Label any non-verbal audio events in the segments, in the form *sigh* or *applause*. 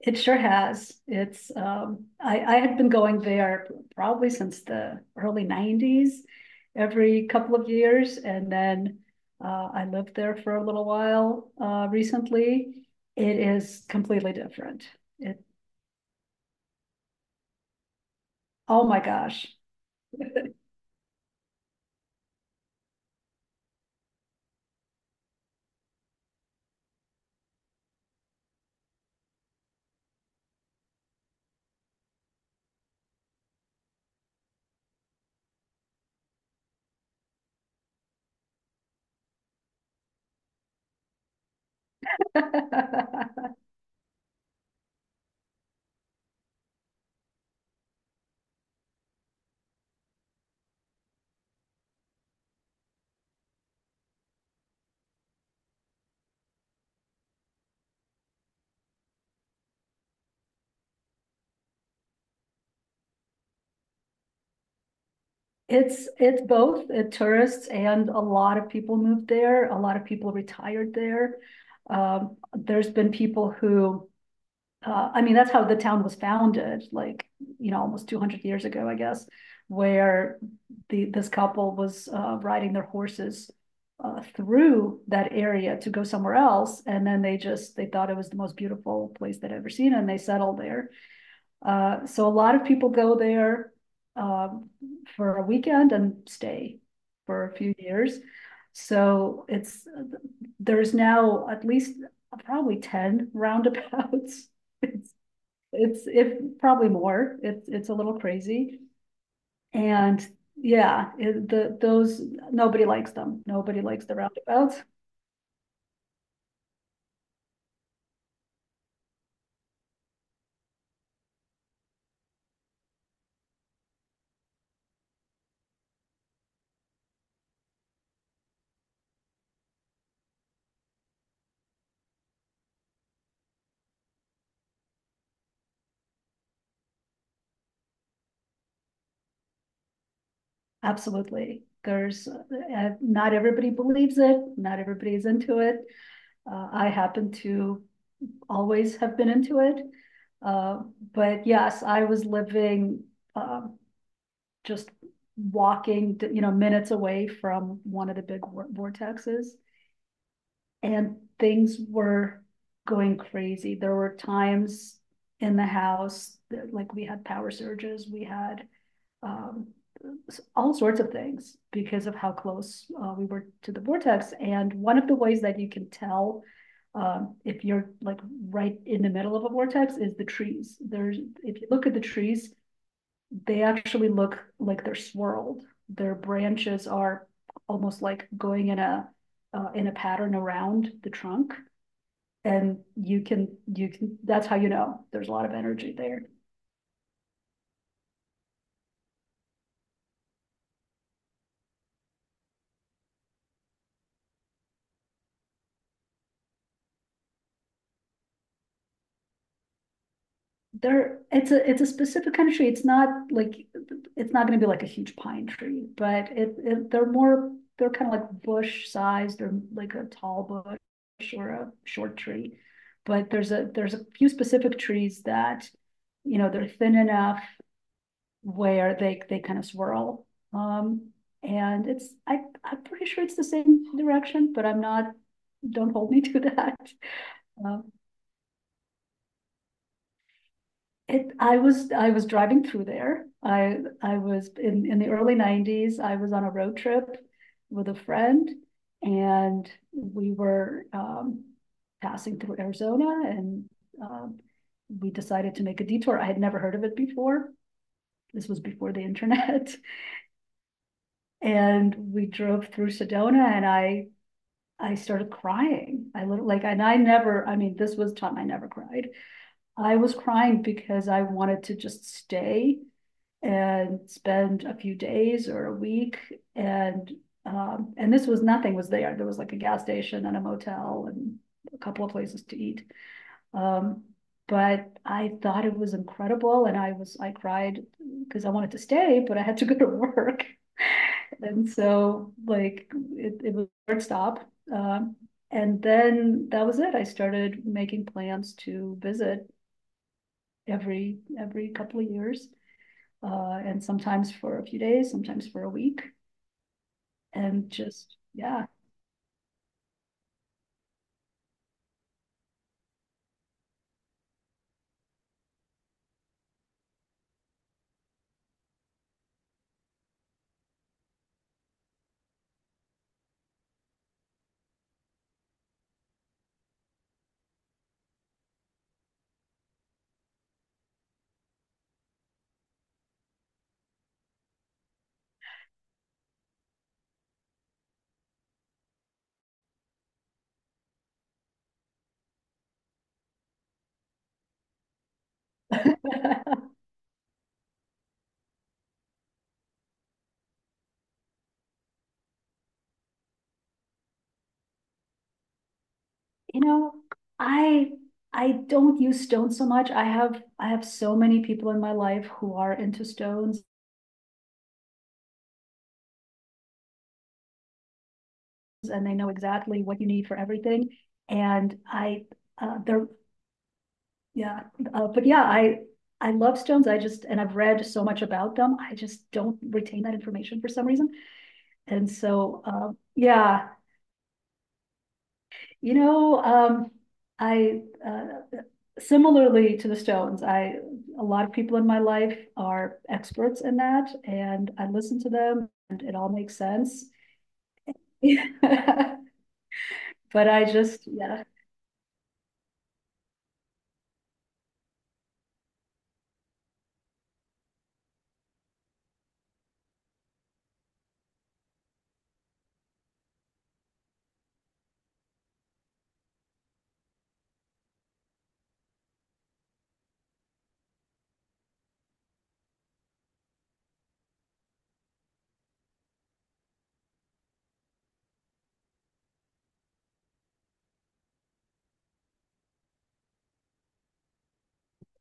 It sure has. I had been going there probably since the early 90s, every couple of years. And then I lived there for a little while recently. It is completely different. It- Oh my gosh. *laughs* It's both tourists and a lot of people moved there. A lot of people retired there. There's been people who I mean, that's how the town was founded, like, you know, almost 200 years ago, I guess, where this couple was, riding their horses through that area to go somewhere else, and then they thought it was the most beautiful place they'd ever seen, and they settled there. So a lot of people go there, um, for a weekend and stay for a few years. So it's, there's now at least probably 10 roundabouts. *laughs* It's if probably more, it's a little crazy, and yeah, nobody likes them, nobody likes the roundabouts. Absolutely, not everybody believes it, not everybody's into it, I happen to always have been into it. Uh, but yes, I was living, um, just walking, you know, minutes away from one of the big vortexes. And things were going crazy. There were times in the house that, like, we had power surges, we had um, all sorts of things because of how close we were to the vortex. And one of the ways that you can tell if you're like right in the middle of a vortex is the trees. If you look at the trees, they actually look like they're swirled. Their branches are almost like going in a pattern around the trunk, and you can, that's how you know there's a lot of energy there. There, it's a specific kind of tree. It's not going to be like a huge pine tree, but it they're more, they're kind of like bush size. They're like a tall bush or a short tree. But there's a few specific trees that, you know, they're thin enough where they kind of swirl. Um, and it's I I'm pretty sure it's the same direction, but I'm not. Don't hold me *laughs* to that. Um, it I was driving through there. I was in the early '90s. I was on a road trip with a friend, and we were passing through Arizona, and um, we decided to make a detour. I had never heard of it before. This was before the internet. And we drove through Sedona and I started crying. Like, and I never, I mean, this was time I never cried. I was crying because I wanted to just stay and spend a few days or a week. And, and this was nothing was there. There was like a gas station and a motel and a couple of places to eat. Um, but I thought it was incredible and I cried because I wanted to stay, but I had to go to *laughs* work. And so like it was a hard stop. And then that was it. I started making plans to visit every couple of years, and sometimes for a few days, sometimes for a week, and just yeah. *laughs* You know, I I don't use stones so much. I have so many people in my life who are into stones and they know exactly what you need for everything. And uh, they're Yeah, but yeah, I love stones. And I've read so much about them. I just don't retain that information for some reason. And so, yeah, you know, I, Similarly to the stones, a lot of people in my life are experts in that and I listen to them and it all makes sense. *laughs* But I just, yeah,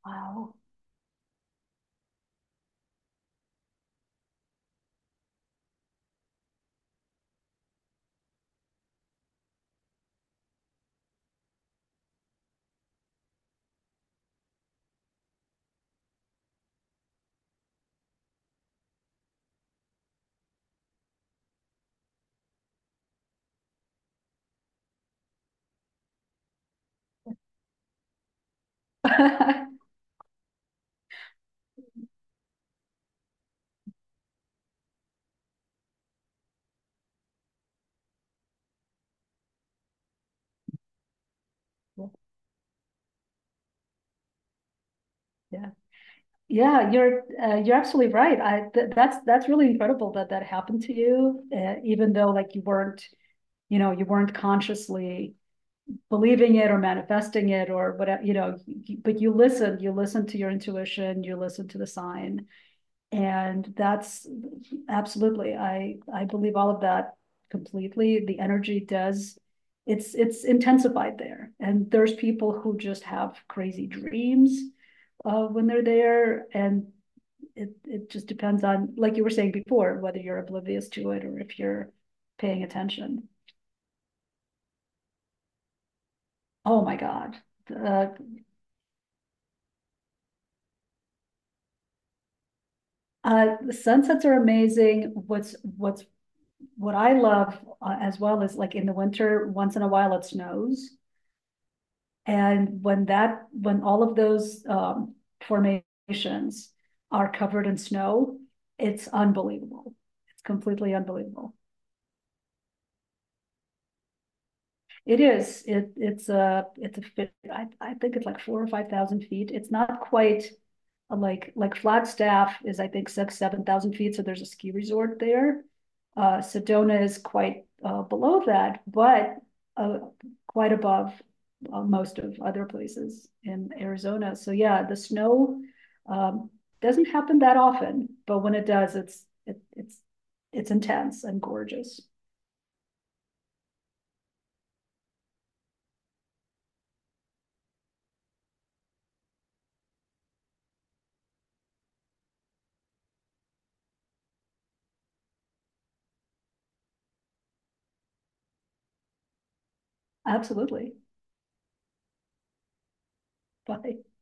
Wow. *laughs* Yeah, yeah, you're absolutely right. I th That's really incredible that that happened to you, even though like you weren't consciously believing it or manifesting it or whatever, you know, but you listened to your intuition, you listened to the sign. And that's absolutely, I believe all of that completely. The energy does, It's intensified there. And there's people who just have crazy dreams when they're there. And it just depends on, like you were saying before, whether you're oblivious to it or if you're paying attention. Oh my God. Uh, the sunsets are amazing. What I love as well is like in the winter, once in a while it snows. And when that, when all of those formations are covered in snow, it's unbelievable. It's completely unbelievable. It is, it, it's a fit, I think it's like four or five thousand feet, it's not quite. A like Flagstaff is, I think, six, 7,000 feet, so there's a ski resort there. Sedona is quite, below that, but, uh, quite above. Most of other places in Arizona, so yeah, um, doesn't happen that often, but when it does, it's. It's intense and gorgeous, absolutely. *laughs* Bye.